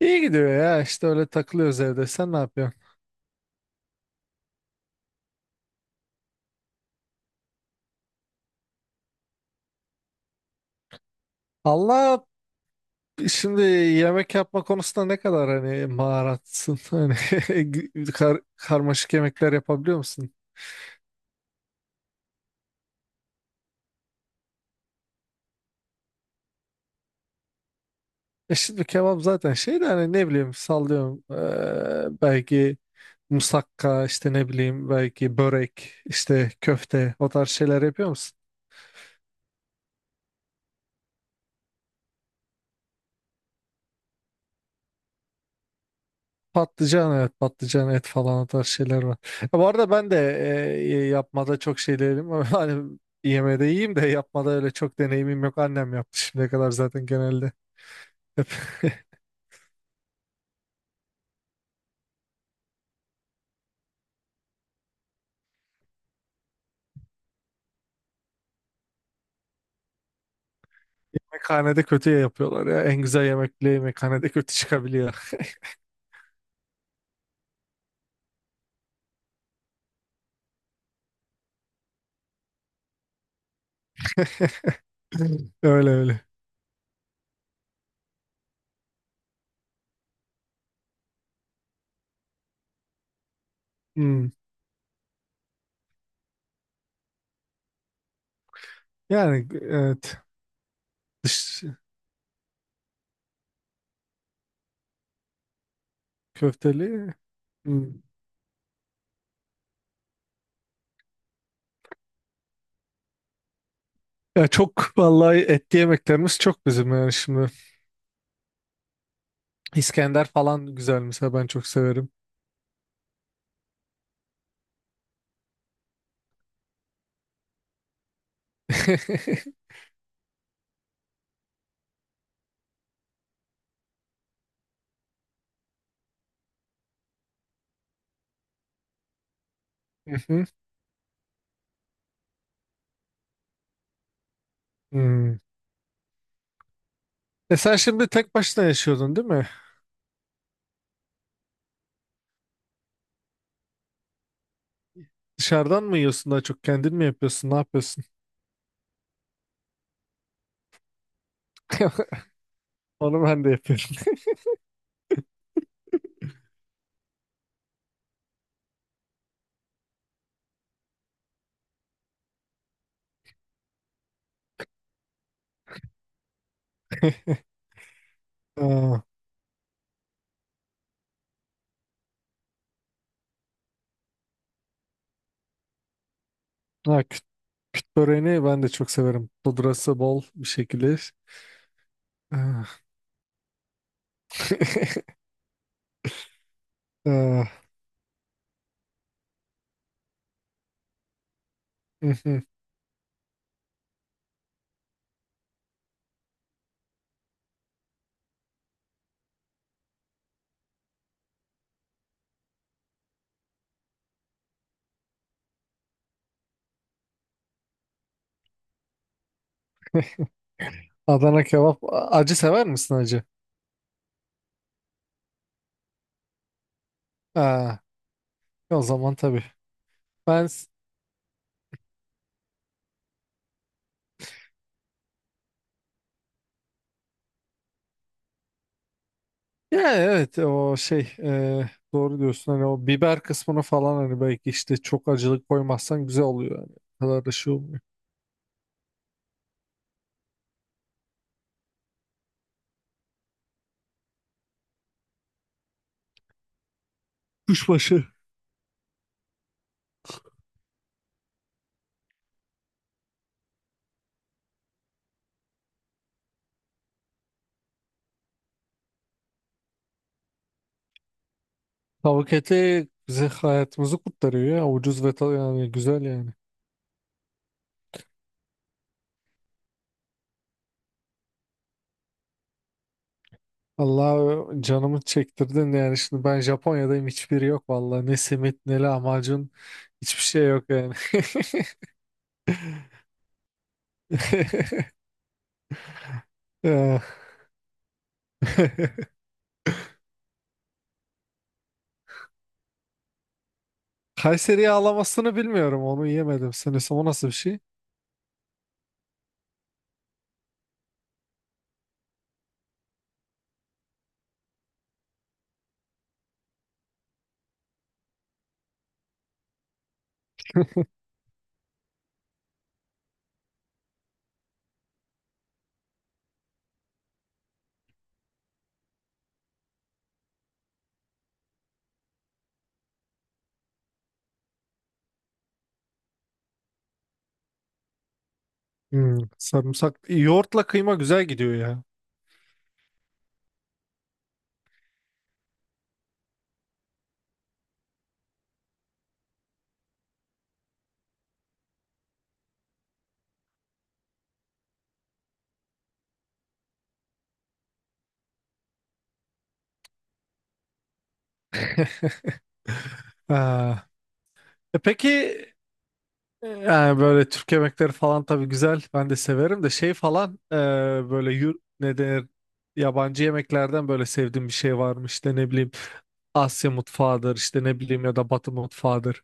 İyi gidiyor ya işte öyle takılıyoruz evde. Sen ne yapıyorsun? Allah, şimdi yemek yapma konusunda ne kadar hani maharatsın? Hani karmaşık yemekler yapabiliyor musun? E şimdi kebap zaten şey de hani ne bileyim sallıyorum. Belki musakka işte ne bileyim belki börek işte köfte o tarz şeyler yapıyor musun? Patlıcan, evet, patlıcan et falan o tarz şeyler var. Ya bu arada ben de yapmada çok şey değilim. Ama hani yemede iyiyim de yapmada öyle çok deneyimim yok. Annem yaptı şimdiye kadar zaten genelde. Hep yemekhanede kötü yapıyorlar ya. En güzel yemek bile yemekhanede kötü çıkabiliyor. Öyle öyle. Hmm. Yani evet. dış Köfteli. Hmm. Ya çok vallahi etli yemeklerimiz çok bizim yani şimdi. İskender falan güzel mesela, ben çok severim. Hı hı. Hmm. E sen şimdi tek başına yaşıyordun değil mi? Dışarıdan mı yiyorsun daha çok? Kendin mi yapıyorsun? Ne yapıyorsun? Onu ben de yapıyorum. Aa, ha, kütük böreğini ben de çok severim. Pudrası bol bir şekilde. Ah. Ah, mhm. Adana kebap. Acı sever misin acı? Aa, o zaman tabii. Ben s- Yani evet, o şey, doğru diyorsun, hani o biber kısmını falan hani belki işte çok acılık koymazsan güzel oluyor yani. O kadar da şey olmuyor. Kuşbaşı. Tavuk eti bize hayatımızı kurtarıyor ya, ucuz ve yani güzel yani. Allah canımı çektirdin yani, şimdi ben Japonya'dayım, hiçbiri yok vallahi, ne simit ne lahmacun, hiçbir şey yok yani. Ya. Kayseri yağlamasını bilmiyorum, onu yemedim sanırsam. O nasıl bir şey? Hmm, sarımsak. Yoğurtla kıyma güzel gidiyor ya. Ha. E peki, yani böyle Türk yemekleri falan tabii güzel. Ben de severim de şey falan, böyle ne denir, yabancı yemeklerden böyle sevdiğim bir şey var mı? İşte ne bileyim, Asya mutfağıdır işte ne bileyim, ya da Batı mutfağıdır.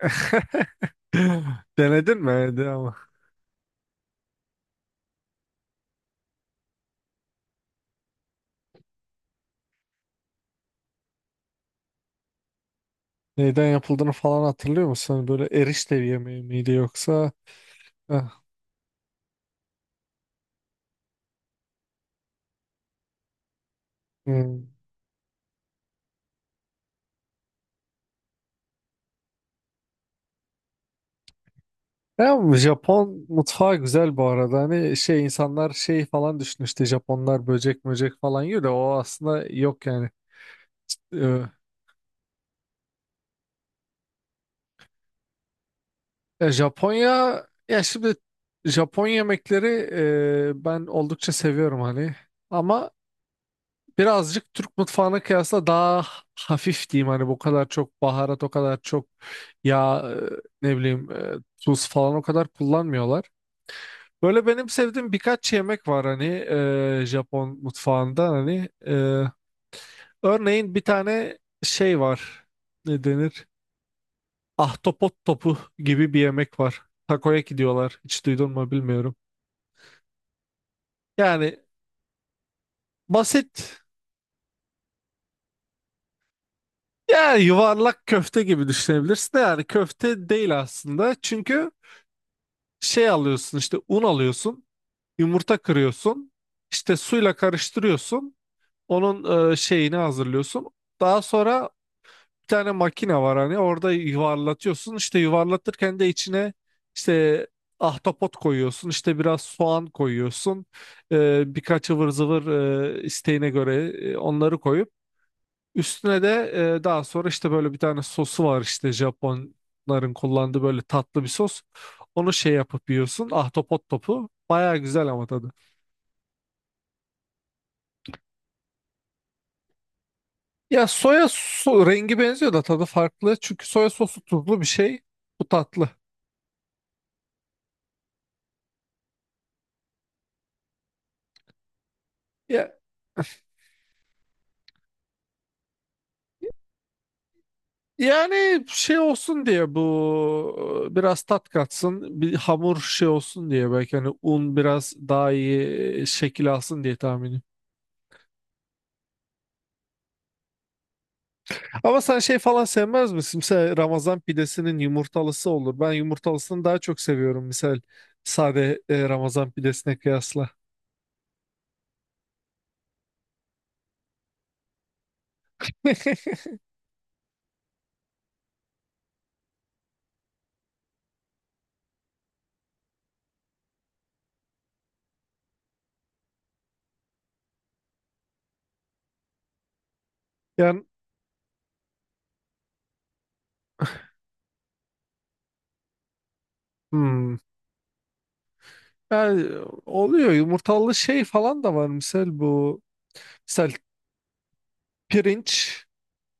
Denedin mi? Denedin ama. Neyden yapıldığını falan hatırlıyor musun? Hani böyle erişte bir yemeği miydi yoksa? Ah, hmm. Ya Japon mutfağı güzel bu arada. Hani şey, insanlar şey falan düşünüyor işte, Japonlar böcek möcek falan yiyor da, o aslında yok yani. Ee, Ya Japonya, ya şimdi Japon yemekleri, ben oldukça seviyorum hani. Ama birazcık Türk mutfağına kıyasla daha hafif diyeyim, hani bu kadar çok baharat, o kadar çok yağ, ne bileyim, tuz falan o kadar kullanmıyorlar. Böyle benim sevdiğim birkaç yemek var hani, Japon mutfağında hani, örneğin bir tane şey var, ne denir, ahtapot topu gibi bir yemek var, takoyaki diyorlar, hiç duydun mu bilmiyorum. Yani basit, yani yuvarlak köfte gibi düşünebilirsin de, yani köfte değil aslında, çünkü şey alıyorsun işte, un alıyorsun, yumurta kırıyorsun, işte suyla karıştırıyorsun, onun şeyini hazırlıyorsun. Daha sonra bir tane makine var hani, orada yuvarlatıyorsun, işte yuvarlatırken de içine işte ahtapot koyuyorsun, işte biraz soğan koyuyorsun, birkaç ıvır zıvır, isteğine göre, onları koyup, üstüne de daha sonra işte böyle bir tane sosu var, işte Japonların kullandığı böyle tatlı bir sos, onu şey yapıp yiyorsun. Ahtapot topu baya güzel ama tadı. Ya soya so rengi benziyor da tadı farklı, çünkü soya sosu tuzlu bir şey, bu tatlı. Ya yani şey olsun diye bu, biraz tat katsın, bir hamur şey olsun diye, belki hani un biraz daha iyi şekil alsın diye, tahminim. Ama sen şey falan sevmez misin? Mesela Ramazan pidesinin yumurtalısı olur. Ben yumurtalısını daha çok seviyorum misal, sade, Ramazan pidesine kıyasla. Yani, hmm, yani oluyor yumurtalı şey falan da var misal, bu misal pirinç.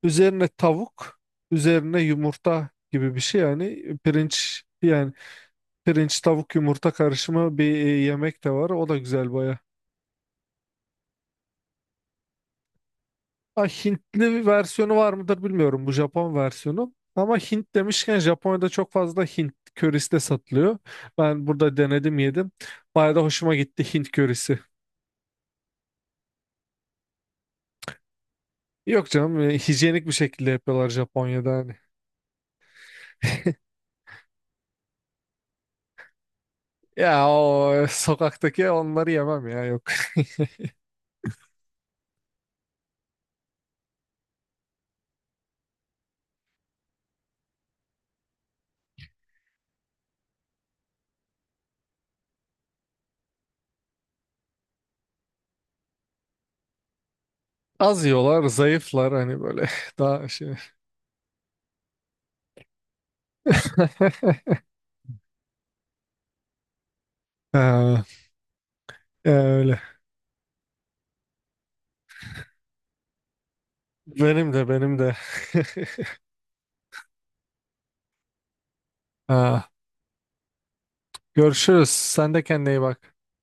Üzerine tavuk, üzerine yumurta gibi bir şey, yani pirinç, yani pirinç tavuk yumurta karışımı bir yemek de var. O da güzel baya. Ha, Hintli bir versiyonu var mıdır bilmiyorum, bu Japon versiyonu. Ama Hint demişken, Japonya'da çok fazla Hint körisi de satılıyor. Ben burada denedim, yedim. Baya da hoşuma gitti Hint körisi. Yok canım, hijyenik bir şekilde yapıyorlar Japonya'da hani. Ya o sokaktaki onları yemem ya, yok. Az yiyorlar, zayıflar hani böyle daha şey. Ha, öyle. Benim de, benim de. Ha, görüşürüz. Sen de kendine iyi bak.